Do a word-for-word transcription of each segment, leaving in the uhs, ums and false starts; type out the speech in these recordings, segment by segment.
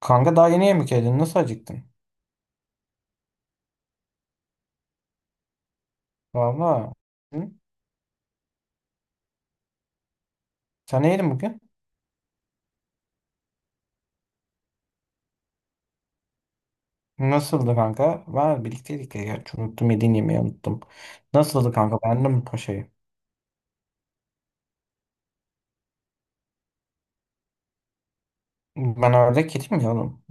Kanka daha yeni yemek yedin. Nasıl acıktın? Valla. Hı? Sen ne yedin bugün? Nasıldı kanka? Var birlikteydik ya. Gerçi unuttum yediğin yemeği unuttum. Nasıldı kanka? Beğendin mi paşayı? Ben ördek yedim ya oğlum.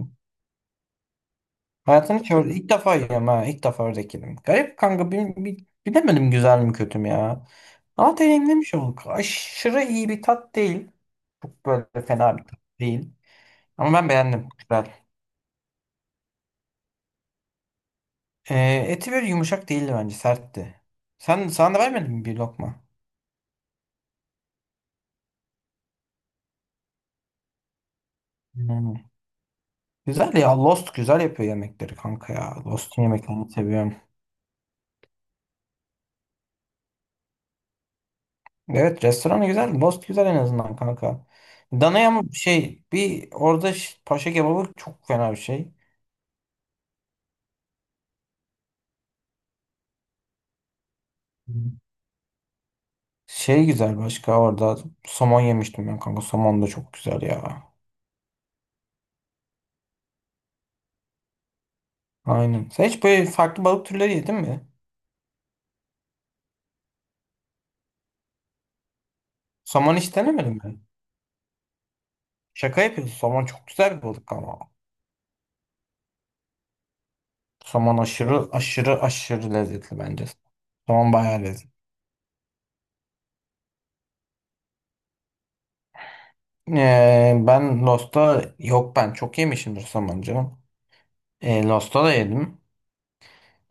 Hayatımda hiç ördek- ilk defa yiyorum ha. İlk defa ördek yedim. Garip kanka. Bil, bil- bilemedim güzel mi kötü mü ya. Ama deneyimlemiş olduk. Aşırı iyi bir tat değil. Çok böyle fena bir tat değil. Ama ben beğendim. Güzel. Ee, eti böyle yumuşak değildi bence. Sertti. Sen, sana da vermedin mi bir lokma? Hmm. Güzel ya, Lost güzel yapıyor yemekleri kanka ya. Lost'un yemeklerini seviyorum. Evet, restoranı güzel. Lost güzel en azından kanka. Danaya mı şey bir orada ş- paşa kebabı çok fena bir şey. Hmm. Şey güzel, başka orada somon yemiştim ben kanka. Somon da çok güzel ya. Aynen. Sen hiç böyle farklı balık türleri yedin mi? Somon hiç denemedin mi? Şaka yapıyorsun. Somon çok güzel bir balık ama. Somon aşırı aşırı aşırı lezzetli bence. Somon bayağı lezzetli. Ee, ben Lost'ta yok, ben çok yemişimdir somon canım. Ee, Lost'ta da yedim.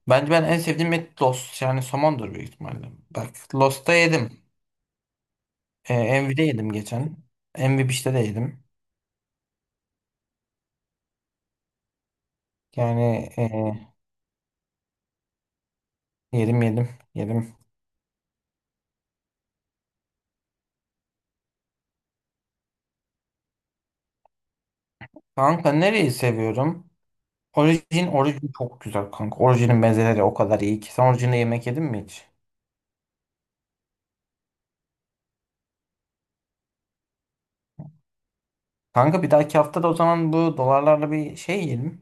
Bence ben en sevdiğim et Lost yani somondur büyük ihtimalle. Bak, Lost'ta yedim. Ee, Envy'de yedim geçen. Envy Beach'te de yedim. Yani ee, yedim, yedim, yedim. Kanka nereyi seviyorum? Orijin, orijin çok güzel kanka. Orijinin mezeleri o kadar iyi ki. Sen orijinde yemek yedin mi hiç? Kanka bir dahaki hafta da o zaman bu dolarlarla bir şey yiyelim.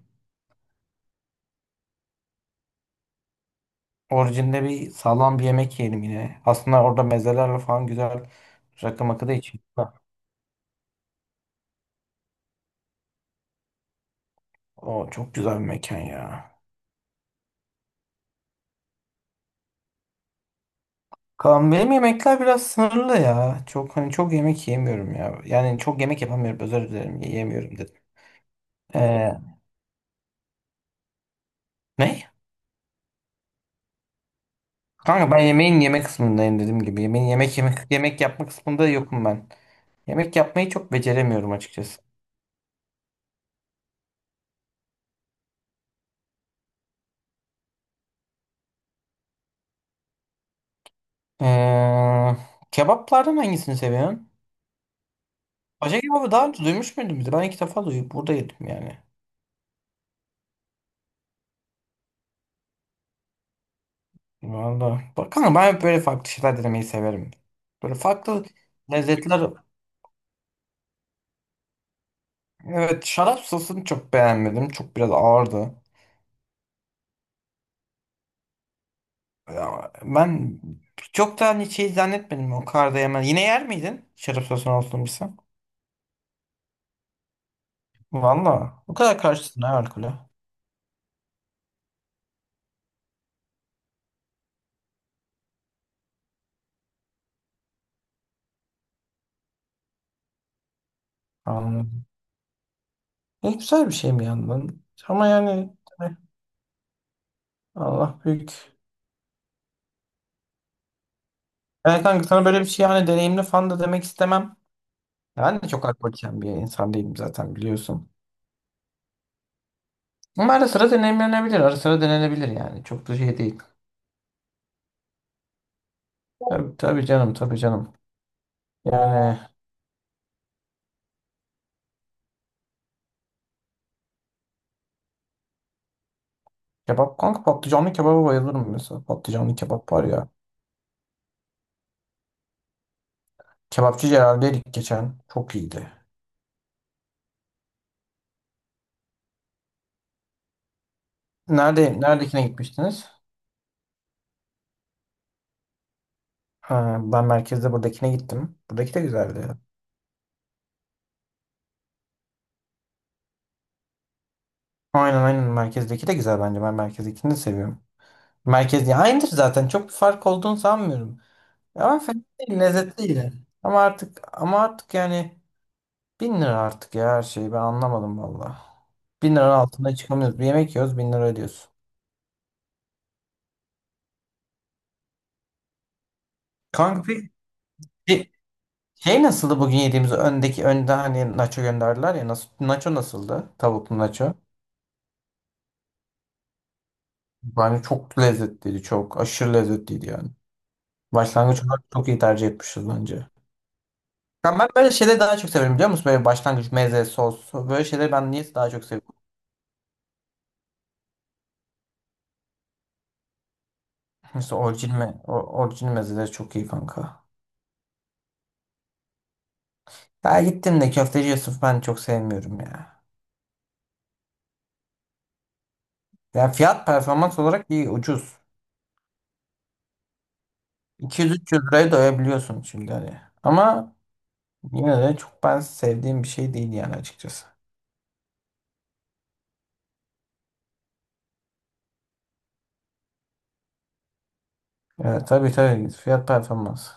Orijinde bir sağlam bir yemek yiyelim yine. Aslında orada mezelerle falan güzel rakı makı da içelim. Ah, o çok güzel bir mekan ya. Kaan, benim yemekler biraz sınırlı ya. Çok hani çok yemek yemiyorum ya. Yani çok yemek yapamıyorum, özür dilerim yiyemiyorum dedim. Ee, Ne? Kanka ben yemeğin yemek kısmındayım dediğim gibi. Yemeğin yemek yemek yemek yapma kısmında yokum ben. Yemek yapmayı çok beceremiyorum açıkçası. Ee, Kebaplardan hangisini seviyorsun? Paşa kebabı daha önce duymuş muydun bizi? Ben ilk defa duydum. Burada yedim yani. Valla. Bakalım, ben böyle farklı şeyler denemeyi severim. Böyle farklı lezzetler. Evet, şarap sosunu çok beğenmedim. Çok biraz ağırdı. Ya, ben çok da hani şey zannetmedim, o kadar da yemez. Yine yer miydin şarap sosunu olsun bilsem? Valla. O kadar karşısın ha alkole. Anladım. Ne güzel bir şey mi yandan? Ama yani eh, Allah büyük. Yani kanka sana böyle bir şey hani deneyimli falan da demek istemem. Ben de çok alkol içen bir insan değilim zaten, biliyorsun. Ama ara sıra denenebilir. Ara sıra denenebilir yani. Çok da şey değil. Tabii, tabii canım, tabii canım. Yani kebap kanka, patlıcanlı kebaba bayılırım mesela. Patlıcanlı kebap var ya. Kebapçı Celal'deydik geçen. Çok iyiydi. Nerede, neredekine gitmiştiniz? Ha, ben merkezde buradakine gittim. Buradaki de güzeldi. Aynen, aynen, merkezdeki de güzel bence. Ben merkezdekini de seviyorum. Merkez ya aynıdır zaten. Çok bir fark olduğunu sanmıyorum. Ama fena değil, lezzetli yine. Ama artık ama artık yani bin lira artık ya, her şeyi ben anlamadım valla. Bin lira altında çıkamıyoruz. Bir yemek yiyoruz, bin lira ödüyorsun. Kanka peki Şey, şey nasıldı bugün yediğimiz öndeki önde hani, nacho gönderdiler ya, nasıl, nacho nasıldı? Tavuklu nacho. Bence çok lezzetliydi, çok aşırı lezzetliydi yani. Başlangıç olarak çok iyi tercih etmişiz bence. Ben, ben böyle şeyleri daha çok severim, biliyor musun? Böyle başlangıç meze, sos, böyle şeyleri ben niye daha çok seviyorum? Mesela orijin, me, o- orijin mezeleri çok iyi kanka. Ya gittim de, köfteci Yusuf ben çok sevmiyorum ya. Ya fiyat performans olarak iyi, ucuz. iki yüz üç yüz liraya doyabiliyorsun şimdi hani. Ama yine de çok ben sevdiğim bir şey değil yani, açıkçası. Evet, tabii tabii, fiyat performans.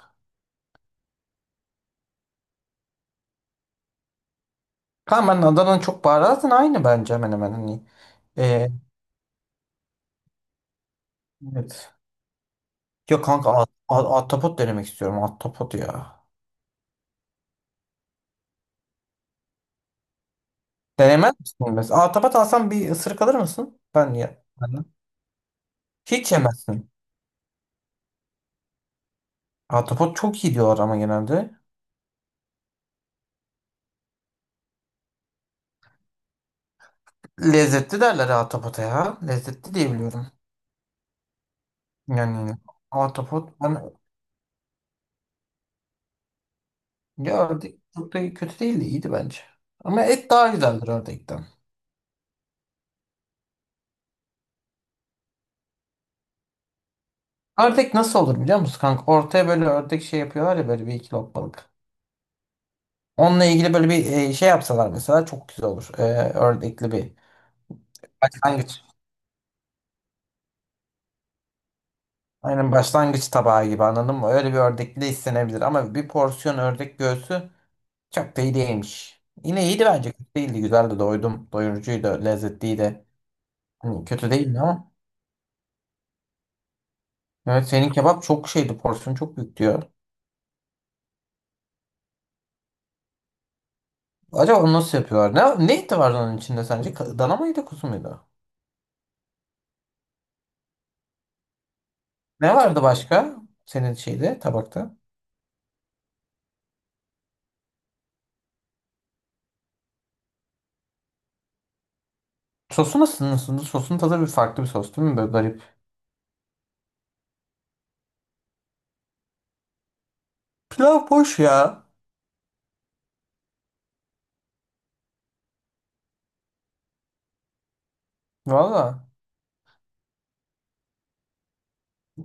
Tamam, ben Adana'nın çok baharatın aynı bence hemen hemen hani. Ee, evet. Yok kanka, at, at- ahtapot denemek istiyorum, ahtapot ya. Denemez misin? Mesela ahtapot alsam bir ısırık alır mısın? Ben ya. Ben de. Hiç yemezsin. Ahtapot çok iyi diyorlar ama genelde. Lezzetli derler ahtapota ya. Lezzetli diye biliyorum. Yani ahtapot ben, ya ördek çok da kötü değildi, iyiydi bence. Ama et daha güzeldir ördekten. Ördek nasıl olur biliyor musun kanka? Ortaya böyle ördek şey yapıyorlar ya, böyle bir iki lokmalık. Onunla ilgili böyle bir e, şey yapsalar mesela çok güzel olur. E, ördekli bir başlangıç. Aynen, başlangıç tabağı gibi, anladın mı? Öyle bir ördekli de istenebilir ama bir porsiyon ördek göğsü çok da iyi değilmiş. Yine iyiydi bence, kötü değildi, güzeldi, doydum. Doyurucuydu, lezzetliydi. Hani kötü değildi ama. Evet, senin kebap çok şeydi, porsiyon çok büyük diyor. Acaba onu nasıl yapıyorlar? Ne, ne eti vardı onun içinde sence? Ka- Dana mıydı, kuzu muydu? Ne vardı başka senin şeyde, tabakta? Sosu nasıl nasıl? Sosun tadı bir farklı bir sos değil mi? Böyle garip. Pilav boş ya. Valla.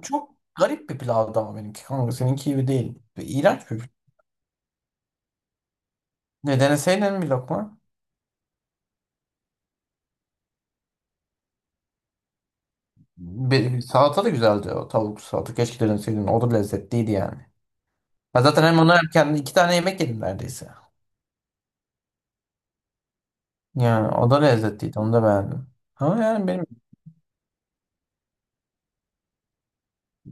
Çok garip bir pilavdı ama benimki kanka. Seninki gibi değil. Ve İğrenç bir pilav. Ne deneseydin bir lokma? Bir, salata da güzeldi o tavuk salata. Keşke deneseydin. O da lezzetliydi yani. Ha, zaten hem onu hem kendi iki tane yemek yedim neredeyse. Yani o da lezzetliydi. Onu da beğendim. Ama yani benim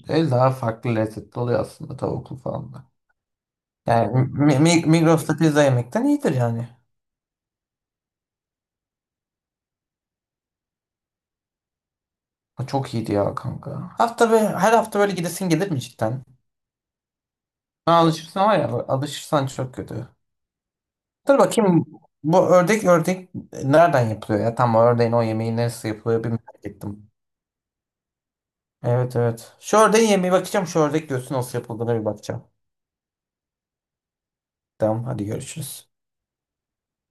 el daha farklı lezzetli oluyor aslında tavuklu falan da. Yani Mi- Mi- Migros'ta pizza yemekten iyidir yani. O çok iyiydi ya kanka. Hafta be, her hafta böyle gidesin gelir mi cidden? Ha, alışırsan var ya, alışırsan çok kötü. Dur bakayım, bu ördek ördek nereden yapılıyor ya? Tam o ördeğin o yemeği nasıl yapılıyor bir merak ettim. Evet, evet. Şu ördeğin yemeği bakacağım. Şu ördek göğsü nasıl yapıldığına bir bakacağım. Tamam hadi görüşürüz.